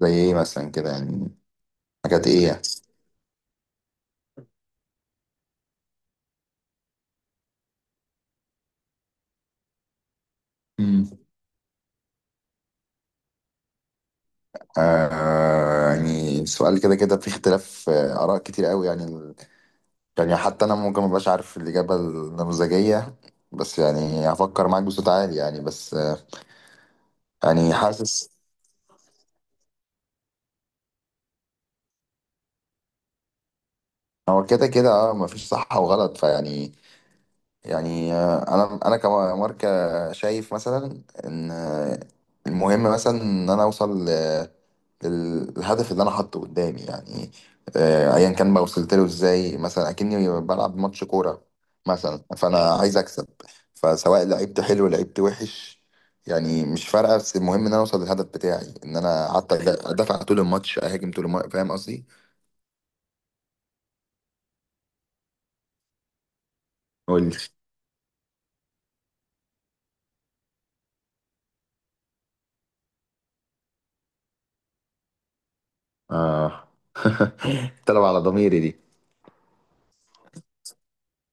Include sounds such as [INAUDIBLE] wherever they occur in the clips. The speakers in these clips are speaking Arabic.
زي ايه مثلا كده يعني؟ حاجات ايه يعني؟ امم يعني سؤال كده كده في اختلاف، آراء كتير قوي يعني يعني حتى أنا ممكن مبقاش عارف الإجابة النموذجية. بس يعني هفكر معاك بصوت عالي يعني بس يعني حاسس. هو كده كده اه مفيش صح وغلط فيعني يعني آه، انا كماركه شايف مثلا ان، المهم مثلا ان انا اوصل للهدف اللي انا حاطه قدامي يعني. ايا كان بقى وصلت له ازاي، مثلا اكني بلعب ماتش كوره مثلا، فانا عايز اكسب. فسواء لعبت حلو لعبت وحش يعني مش فارقه، بس المهم ان انا اوصل للهدف بتاعي، ان انا قعدت ادافع طول الماتش اهاجم طول الماتش. فاهم قصدي؟ قول لي. اه [LAUGHS] طلب على ضميري دي.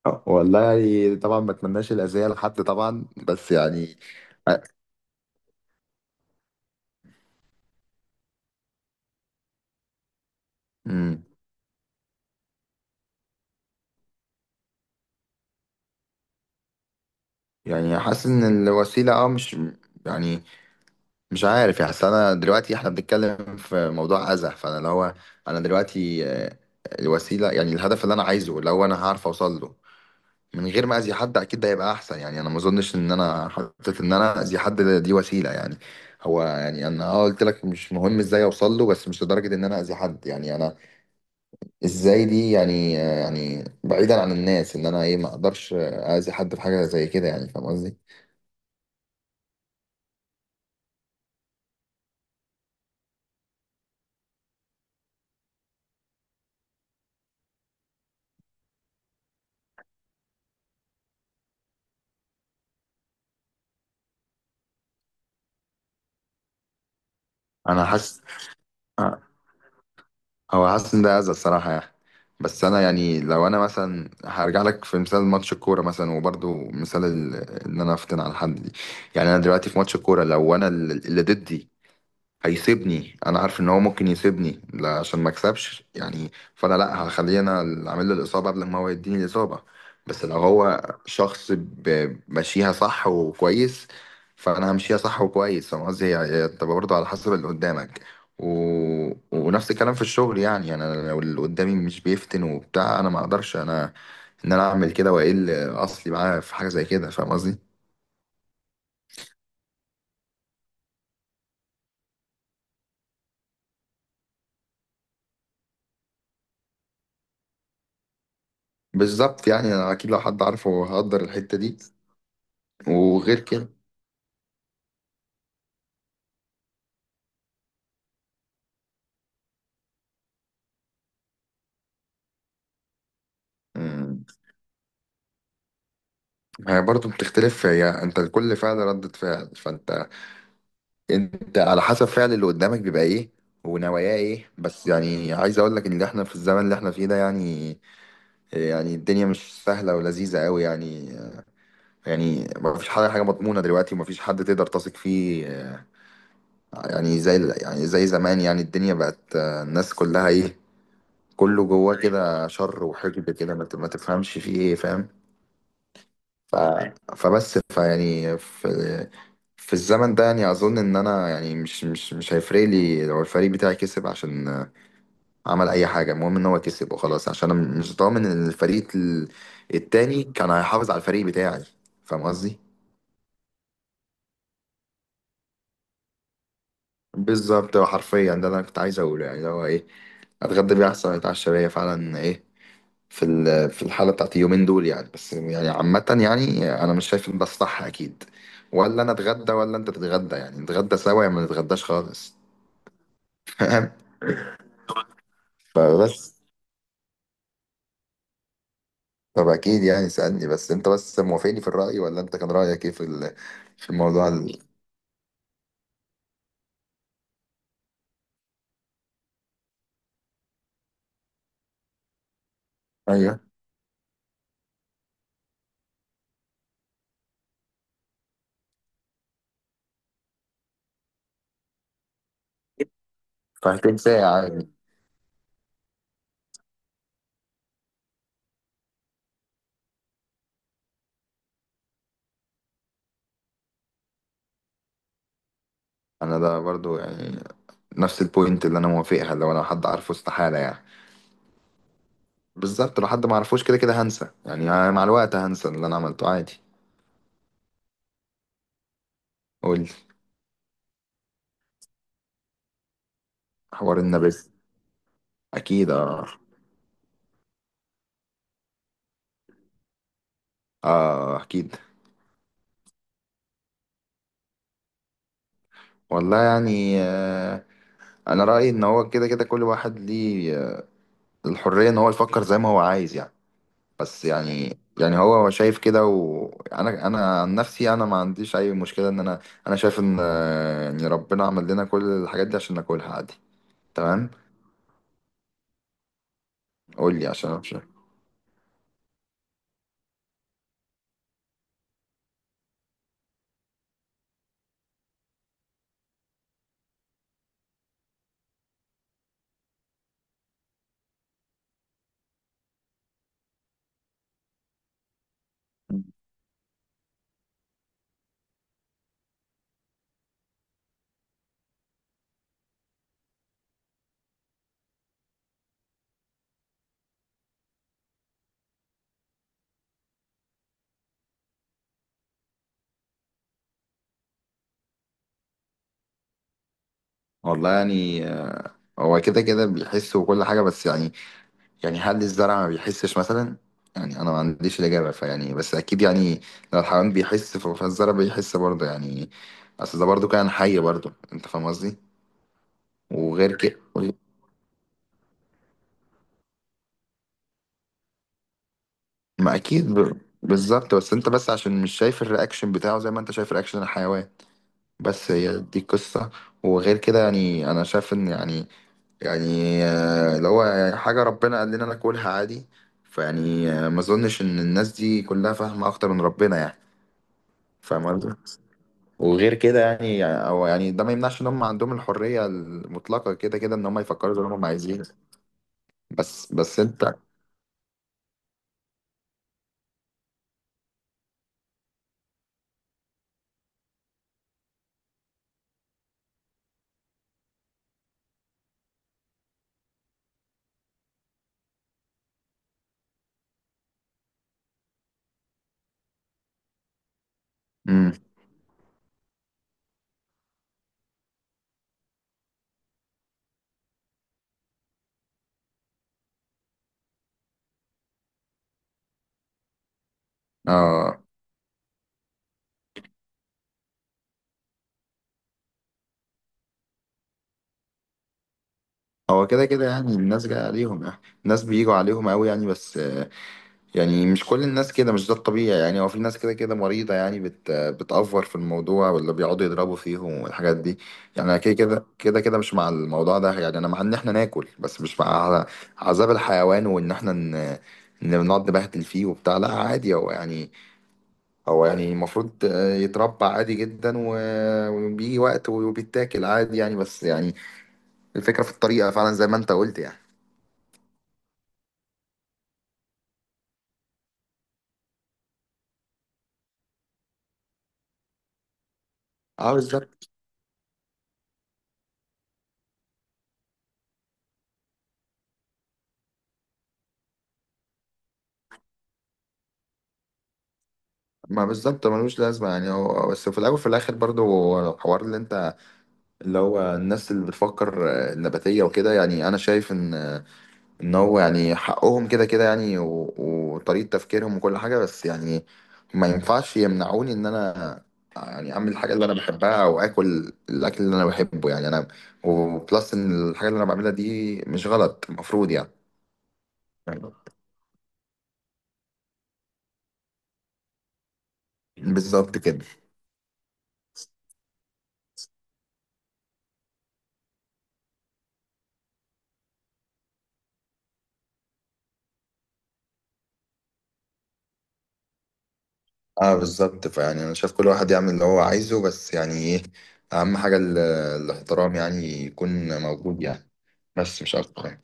والله يعني طبعا ما اتمناش الاذيه لحد طبعا، بس يعني آه، أمم، يعني حاسس ان الوسيله اه مش يعني مش عارف يعني. أصل انا دلوقتي احنا بنتكلم في موضوع اذى، فانا اللي هو انا دلوقتي، الوسيله يعني الهدف اللي انا عايزه اللي هو انا هعرف اوصل له من غير ما اذي حد، اكيد ده هيبقى احسن. يعني انا ما اظنش ان انا حطيت ان انا اذي حد دي وسيله يعني. هو يعني انا اه قلت لك مش مهم ازاي اوصل له، بس مش لدرجه ان انا اذي حد يعني. انا ازاي دي يعني، يعني بعيدا عن الناس، ان انا ايه ما اقدرش اذي حد في حاجه زي كده يعني. فاهم قصدي؟ انا حاسس او حاسس ان ده اذى الصراحه يعني. بس انا يعني لو انا مثلا هرجع لك في مثال ماتش الكوره مثلا، وبرضو مثال ان انا افتن على حد دي، يعني انا دلوقتي في ماتش الكوره لو انا اللي ضدي هيسيبني، انا عارف ان هو ممكن يسيبني لا عشان ما اكسبش يعني، فانا لا هخليه انا اللي عامل له الاصابه قبل ما هو يديني الاصابه. بس لو هو شخص ماشيها صح وكويس، فانا همشيها صح وكويس. فاهم قصدي؟ هي بتبقى برضه على حسب اللي قدامك و... ونفس الكلام في الشغل يعني. يعني انا لو اللي قدامي مش بيفتن وبتاع، انا ما اقدرش انا ان انا اعمل كده واقل اصلي معاه في حاجه زي كده. فاهم قصدي؟ بالظبط يعني انا اكيد لو حد عارفه هقدر الحته دي. وغير كده، مم. هي برضه بتختلف. هي انت كل فعل ردة فعل، فانت انت على حسب فعل اللي قدامك بيبقى ايه ونواياه ايه. بس يعني عايز اقول لك ان احنا في الزمن اللي احنا فيه ده يعني، يعني الدنيا مش سهلة ولذيذة قوي يعني. يعني ما فيش حاجة حاجة مضمونة دلوقتي، وما فيش حد تقدر تثق فيه. يعني زي يعني زي زمان، يعني الدنيا بقت، الناس كلها ايه، كله جواه كده شر وحقد كده، ما تفهمش فيه ايه. فاهم؟ ف... فبس فيعني في في الزمن ده يعني اظن ان انا يعني مش هيفرق لي لو الفريق بتاعي كسب عشان عمل اي حاجه. المهم ان هو كسب وخلاص، عشان انا مش ضامن ان الفريق التاني كان هيحافظ على الفريق بتاعي. فاهم قصدي؟ بالظبط، هو حرفيا ده اللي انا كنت عايز اقوله، يعني اللي هو ايه، اتغدى بيه احسن ما اتعشى بيه فعلا. ايه في في الحالة بتاعت اليومين دول يعني. بس يعني عامة يعني أنا مش شايف إن ده الصح أكيد. ولا أنا أتغدى ولا أنت تتغدى يعني، نتغدى سوا يا ما نتغداش خالص. [LAUGHS] فاهم؟ فبس. طب أكيد يعني سألني، بس أنت بس موافقني في الرأي ولا أنت كان رأيك إيه في في الموضوع أيوه، فهتكون ساعة عادي. أنا ده برضو يعني نفس البوينت اللي أنا موافقها، لو أنا حد عارفه استحالة يعني. بالظبط، لو حد ما عرفوش كده كده هنسى، يعني أنا مع الوقت هنسى اللي أنا عملته عادي. قول لي. حوار النبات؟ أكيد اه. اه اكيد. والله يعني آه، انا رايي ان هو كده كده كل واحد ليه، الحريه ان هو يفكر زي ما هو عايز يعني. بس يعني يعني هو شايف كده، وانا انا عن نفسي انا ما عنديش اي مشكله ان انا انا شايف ان، يعني ربنا عمل لنا كل الحاجات دي عشان ناكلها عادي. تمام. قول لي عشان أنا مش. والله يعني هو كده كده بيحس وكل حاجه، بس يعني يعني هل الزرع ما بيحسش مثلا؟ يعني انا ما عنديش الاجابه فيعني. بس اكيد يعني لو الحيوان بيحس، فالزرع بيحس برضه يعني. اصل ده برضه كائن حي برضه. انت فاهم قصدي؟ وغير كده ما اكيد بالظبط، بس انت بس عشان مش شايف الرياكشن بتاعه زي ما انت شايف رياكشن الحيوان. بس هي دي القصه. وغير كده يعني انا شايف ان يعني، يعني اللي هو يعني حاجه ربنا قال لنا ناكلها عادي. فيعني ما اظنش ان الناس دي كلها فاهمه اكتر من ربنا يعني. فاهم قصدي؟ وغير كده يعني او يعني ده ما يمنعش ان هم عندهم الحريه المطلقه كده كده ان هم يفكروا زي ما هم عايزين. بس انت. امم اه. هو كده كده يعني الناس جايه عليهم يعني، الناس بيجوا عليهم قوي يعني. بس يعني مش كل الناس كده، مش ده الطبيعي يعني. هو في ناس كده كده مريضه يعني، بت بتأفور في الموضوع، ولا بيقعدوا يضربوا فيهم والحاجات دي. يعني انا كده كده مش مع الموضوع ده يعني. انا مع ان احنا ناكل، بس مش مع عذاب الحيوان وان احنا ان بنقعد نبهدل فيه وبتاع. لا عادي، هو يعني هو يعني المفروض يتربى عادي جدا و، وبيجي وقت وبيتاكل عادي يعني. بس يعني الفكرة في الطريقة فعلا زي ما انت قلت يعني. اه بالظبط. ما بالظبط ملوش لازمة يعني. هو بس في الأول وفي الآخر برضو هو الحوار اللي انت، اللي هو الناس اللي بتفكر، النباتية وكده، يعني أنا شايف إن ان هو يعني حقهم كده كده يعني وطريقة تفكيرهم وكل حاجة. بس يعني ما ينفعش يمنعوني ان انا يعني اعمل الحاجة اللي انا بحبها او اكل الاكل اللي انا بحبه يعني. انا وبلس ان الحاجة اللي انا بعملها دي مش غلط المفروض يعني. بالظبط كده. اه بالظبط، فيعني انا شايف كل واحد يعمل اللي هو عايزه، بس يعني ايه اهم حاجة الاحترام يعني يكون موجود يعني، بس مش اكتر يعني.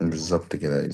بالظبط كده.